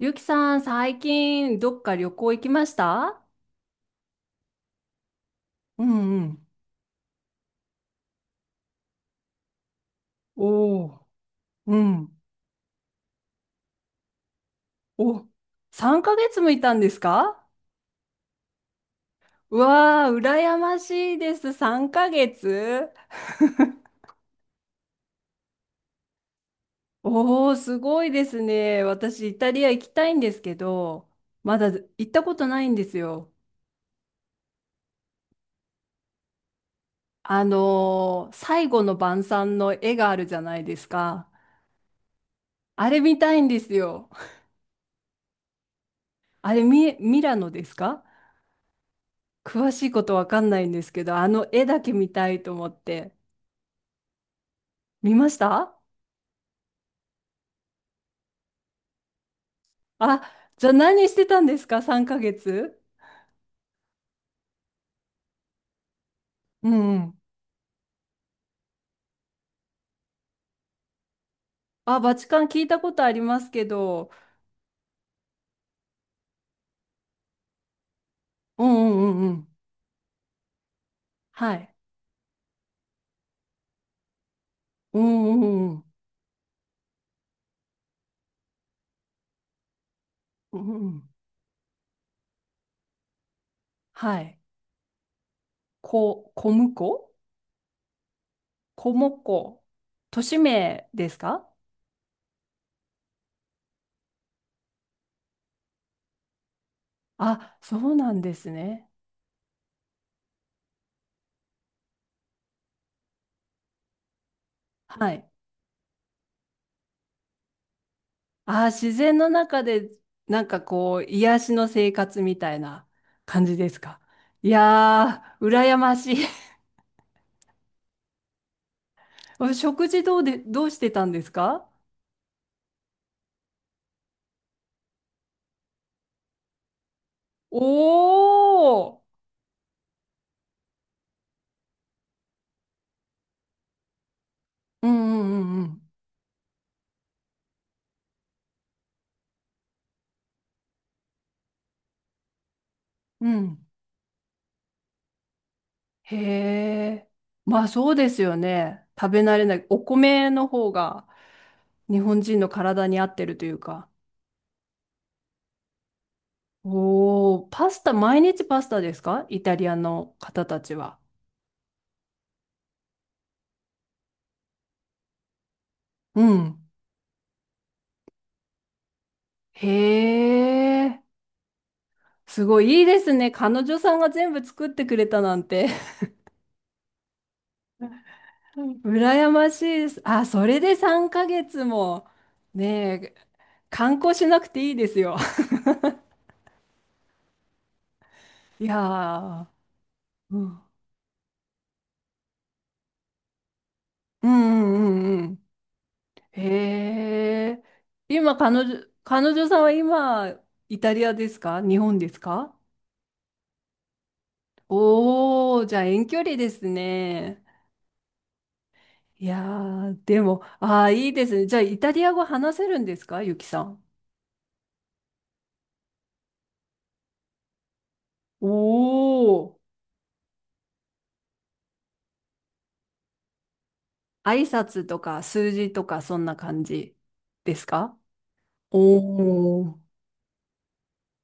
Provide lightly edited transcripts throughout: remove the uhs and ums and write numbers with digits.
ゆきさん、最近どっか旅行行きました？うんうん。おお、うん。お、3ヶ月もいたんですか？うわー、羨ましいです。3ヶ月。おー、すごいですね。私、イタリア行きたいんですけど、まだ行ったことないんですよ。最後の晩餐の絵があるじゃないですか。あれ見たいんですよ。あれ、ミラノですか？詳しいことわかんないんですけど、あの絵だけ見たいと思って。見ました？あ、じゃあ何してたんですか ?3 ヶ月？うんうん。あ、バチカン聞いたことありますけど、うんうんうんうん。はい。うんうんうんうん。うんうん、はい。小婿。小婿。都市名ですか？あ、そうなんですね。はい。ああ、自然の中で、なんかこう、癒しの生活みたいな感じですか？いやー、羨ましい。お食事どうしてたんですか？おー。うんうんうんうん。うん。へえ。まあそうですよね。食べ慣れない。お米の方が日本人の体に合ってるというか。おー、パスタ、毎日パスタですか？イタリアの方たちは。うん。へえ。すごいいいですね。彼女さんが全部作ってくれたなんて。羨ましいです。あ、それで3ヶ月も、ねえ、観光しなくていいですよ。いやー、うん、うんうんうんうん。へえ、今彼女、彼女さんは今、イタリアですか？日本ですか？おー、じゃあ遠距離ですね。いやー、でも、いいですね。じゃあイタリア語話せるんですかゆきさん？おー。挨拶とか数字とかそんな感じですか？おー。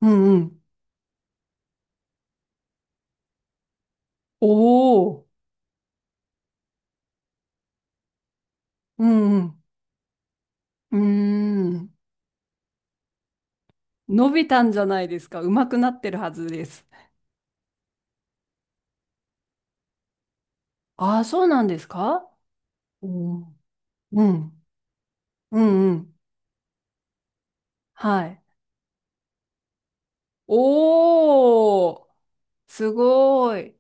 うんうん。おー。うんうん。うーん。伸びたんじゃないですか。上手くなってるはずです。ああ、そうなんですか？おー。うん。うんうん。はい。おー。すごい。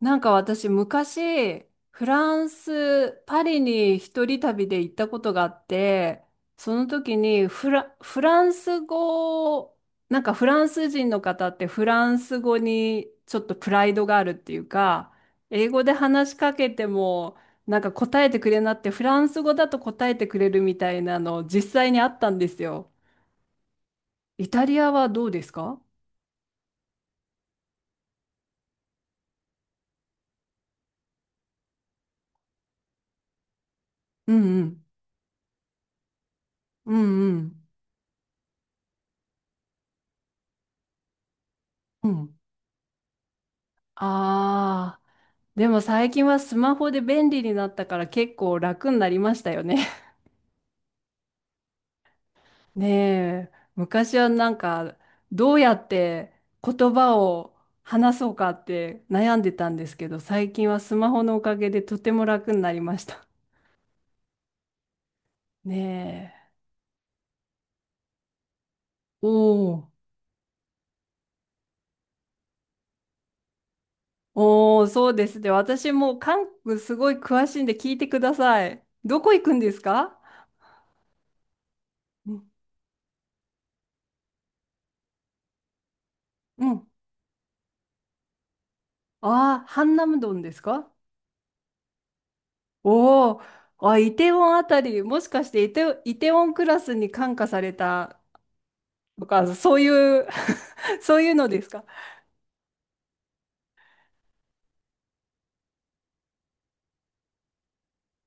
なんか私昔、フランス、パリに一人旅で行ったことがあって、その時にフランス語を、なんかフランス人の方ってフランス語にちょっとプライドがあるっていうか、英語で話しかけても、なんか答えてくれなってフランス語だと答えてくれるみたいなの実際にあったんですよ。イタリアはどうですか？うんうん。うんうん。うん。ああ。でも最近はスマホで便利になったから結構楽になりましたよね。ねえ、昔はなんかどうやって言葉を話そうかって悩んでたんですけど、最近はスマホのおかげでとても楽になりました。ねえ。おお、おお、そうですね。私もう韓国すごい詳しいんで聞いてください。どこ行くんですか？うん。うん。ああー、ハンナムドンですか？おお、あ、イテウォンあたり、もしかしてイテウォンクラスに感化されたとか、そういう そういうのですか？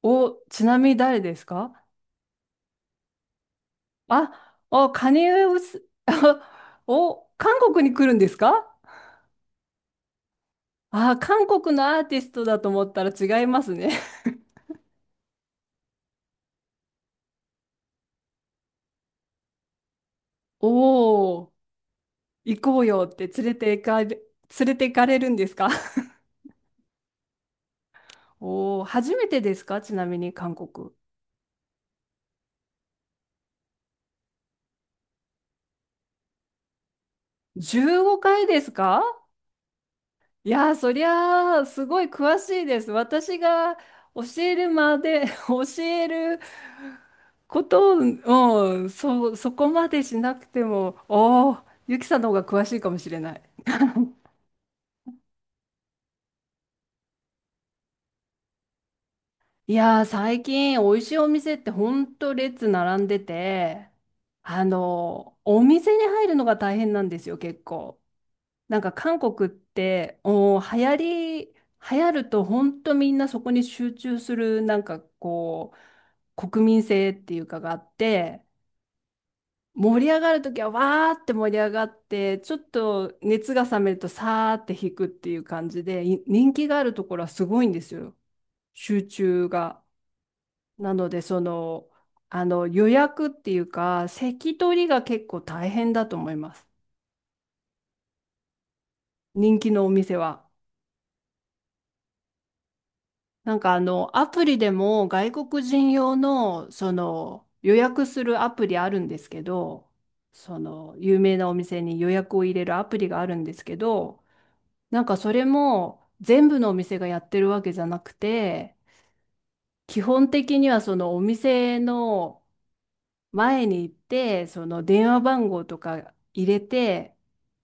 お、ちなみに誰ですか？あ、おカニエウス、お、韓国に来るんですか？あ、韓国のアーティストだと思ったら違いますね。おお、行こうよって連れて行かれるんですか？お おー、初めてですかちなみに韓国？15回ですか？いやー、そりゃあ、すごい詳しいです。私が教えるまで、教えることを、うん、そこまでしなくても、おーゆきさんの方が詳しいかもしれない。いやー、最近、美味しいお店ってほんと列並んでて、あの、お店に入るのが大変なんですよ、結構。なんか韓国っておー流行り流行ると本当みんなそこに集中するなんかこう国民性っていうかがあって盛り上がる時はわーって盛り上がってちょっと熱が冷めるとさーって引くっていう感じでい人気があるところはすごいんですよ集中が。なのであの予約っていうか席取りが結構大変だと思います人気のお店は。なんかアプリでも外国人用の、その、予約するアプリあるんですけど、その、有名なお店に予約を入れるアプリがあるんですけど、なんかそれも全部のお店がやってるわけじゃなくて、基本的にはそのお店の前に行って、その電話番号とか入れて、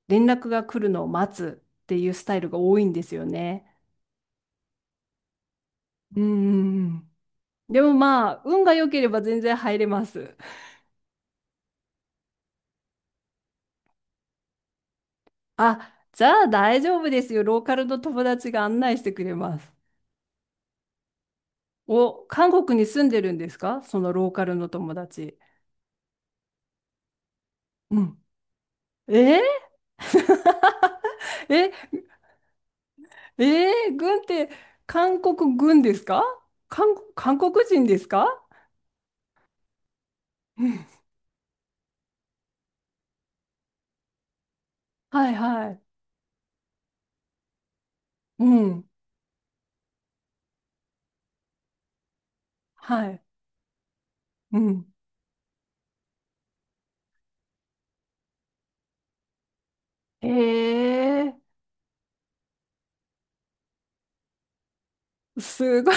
連絡が来るのを待つっていうスタイルが多いんですよね。うんうんうん。でもまあ、運が良ければ全然入れます。あ、じゃあ大丈夫ですよ。ローカルの友達が案内してくれます。お、韓国に住んでるんですかそのローカルの友達？うん。えー、え、えー、軍って韓国軍ですか？韓国人ですか？うんはいはい。うん。はい。うん。えー、すごい。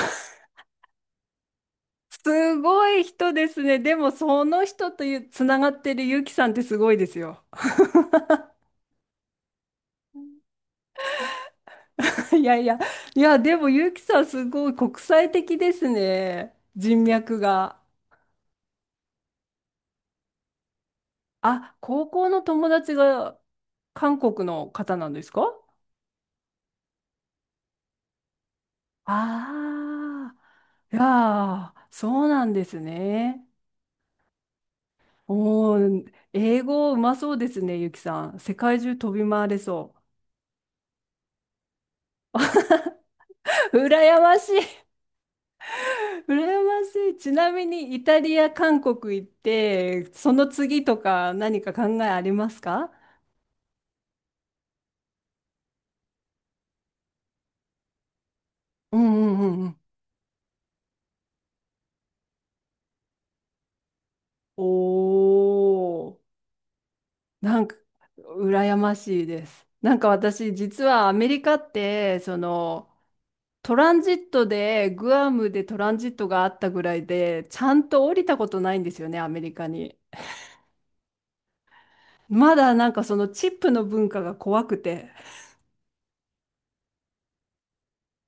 すごい人ですね。でも、その人というつながってるゆきさんってすごいですよ。いやいや、いや、でもゆきさんすごい国際的ですね。人脈が。あ、高校の友達が韓国の方なんですか？ああー、いやー、そうなんですね。おー、英語うまそうですね、ゆきさん。世界中飛び回れそう。羨ましい。羨ましい。ちなみにイタリア、韓国行って、その次とか何か考えありますか？うんうんうんうん。おー、なんか羨ましいです。なんか私実はアメリカってそのトランジットでグアムでトランジットがあったぐらいでちゃんと降りたことないんですよねアメリカに。まだなんかそのチップの文化が怖くて。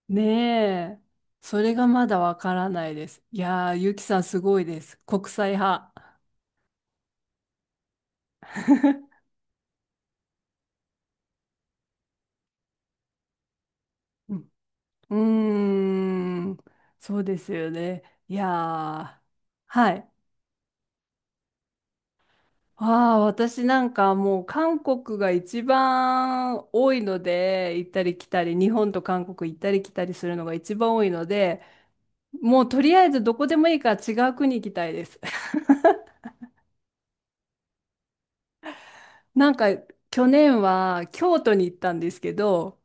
ねえ。それがまだわからないです。いやー、ゆきさんすごいです。国際派。うん、うーん、そうですよね。いやー、はい。ああ、私なんかもう韓国が一番多いので、行ったり来たり、日本と韓国行ったり来たりするのが一番多いので、もうとりあえずどこでもいいから違う国行きたいです。なんか去年は京都に行ったんですけど、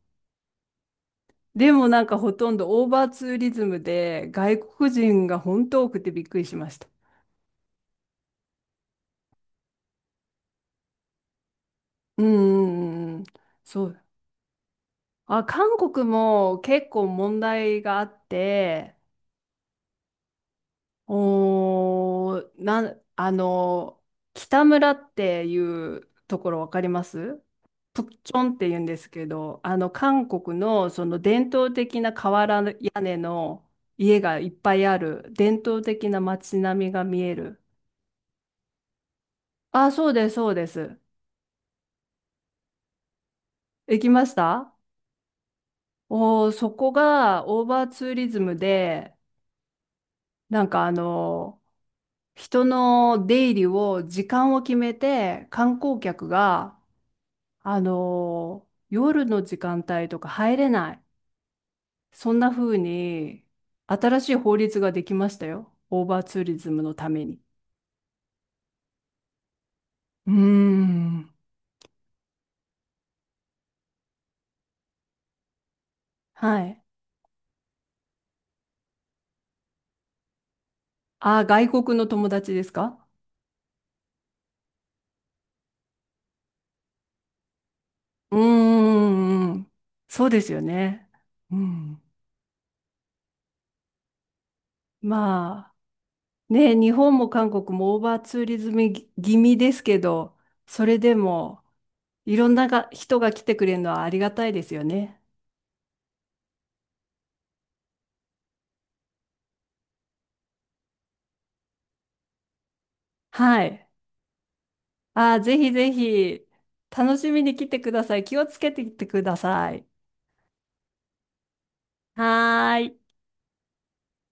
でもなんかほとんどオーバーツーリズムで外国人が本当多くてびっくりしました。うんうんうんうん。そう。あ、韓国も結構問題があって、おー、なん、あの、北村っていうところわかります？プッチョンって言うんですけど、あの、韓国のその伝統的な瓦屋根の家がいっぱいある伝統的な街並みが見える。あ、そうです、そうです。行きました？おー、そこがオーバーツーリズムで、なんかあの、人の出入りを時間を決めて、観光客が、夜の時間帯とか入れない。そんな風に、新しい法律ができましたよ。オーバーツーリズムのために。うーん。はい。あ外国の友達ですか？うーん。そうですよね。うん。まあ。ね、日本も韓国もオーバーツーリズム気味ですけど、それでもいろんなが人が来てくれるのはありがたいですよね。はい。あー、ぜひぜひ楽しみに来てください。気をつけてきてください。はーい。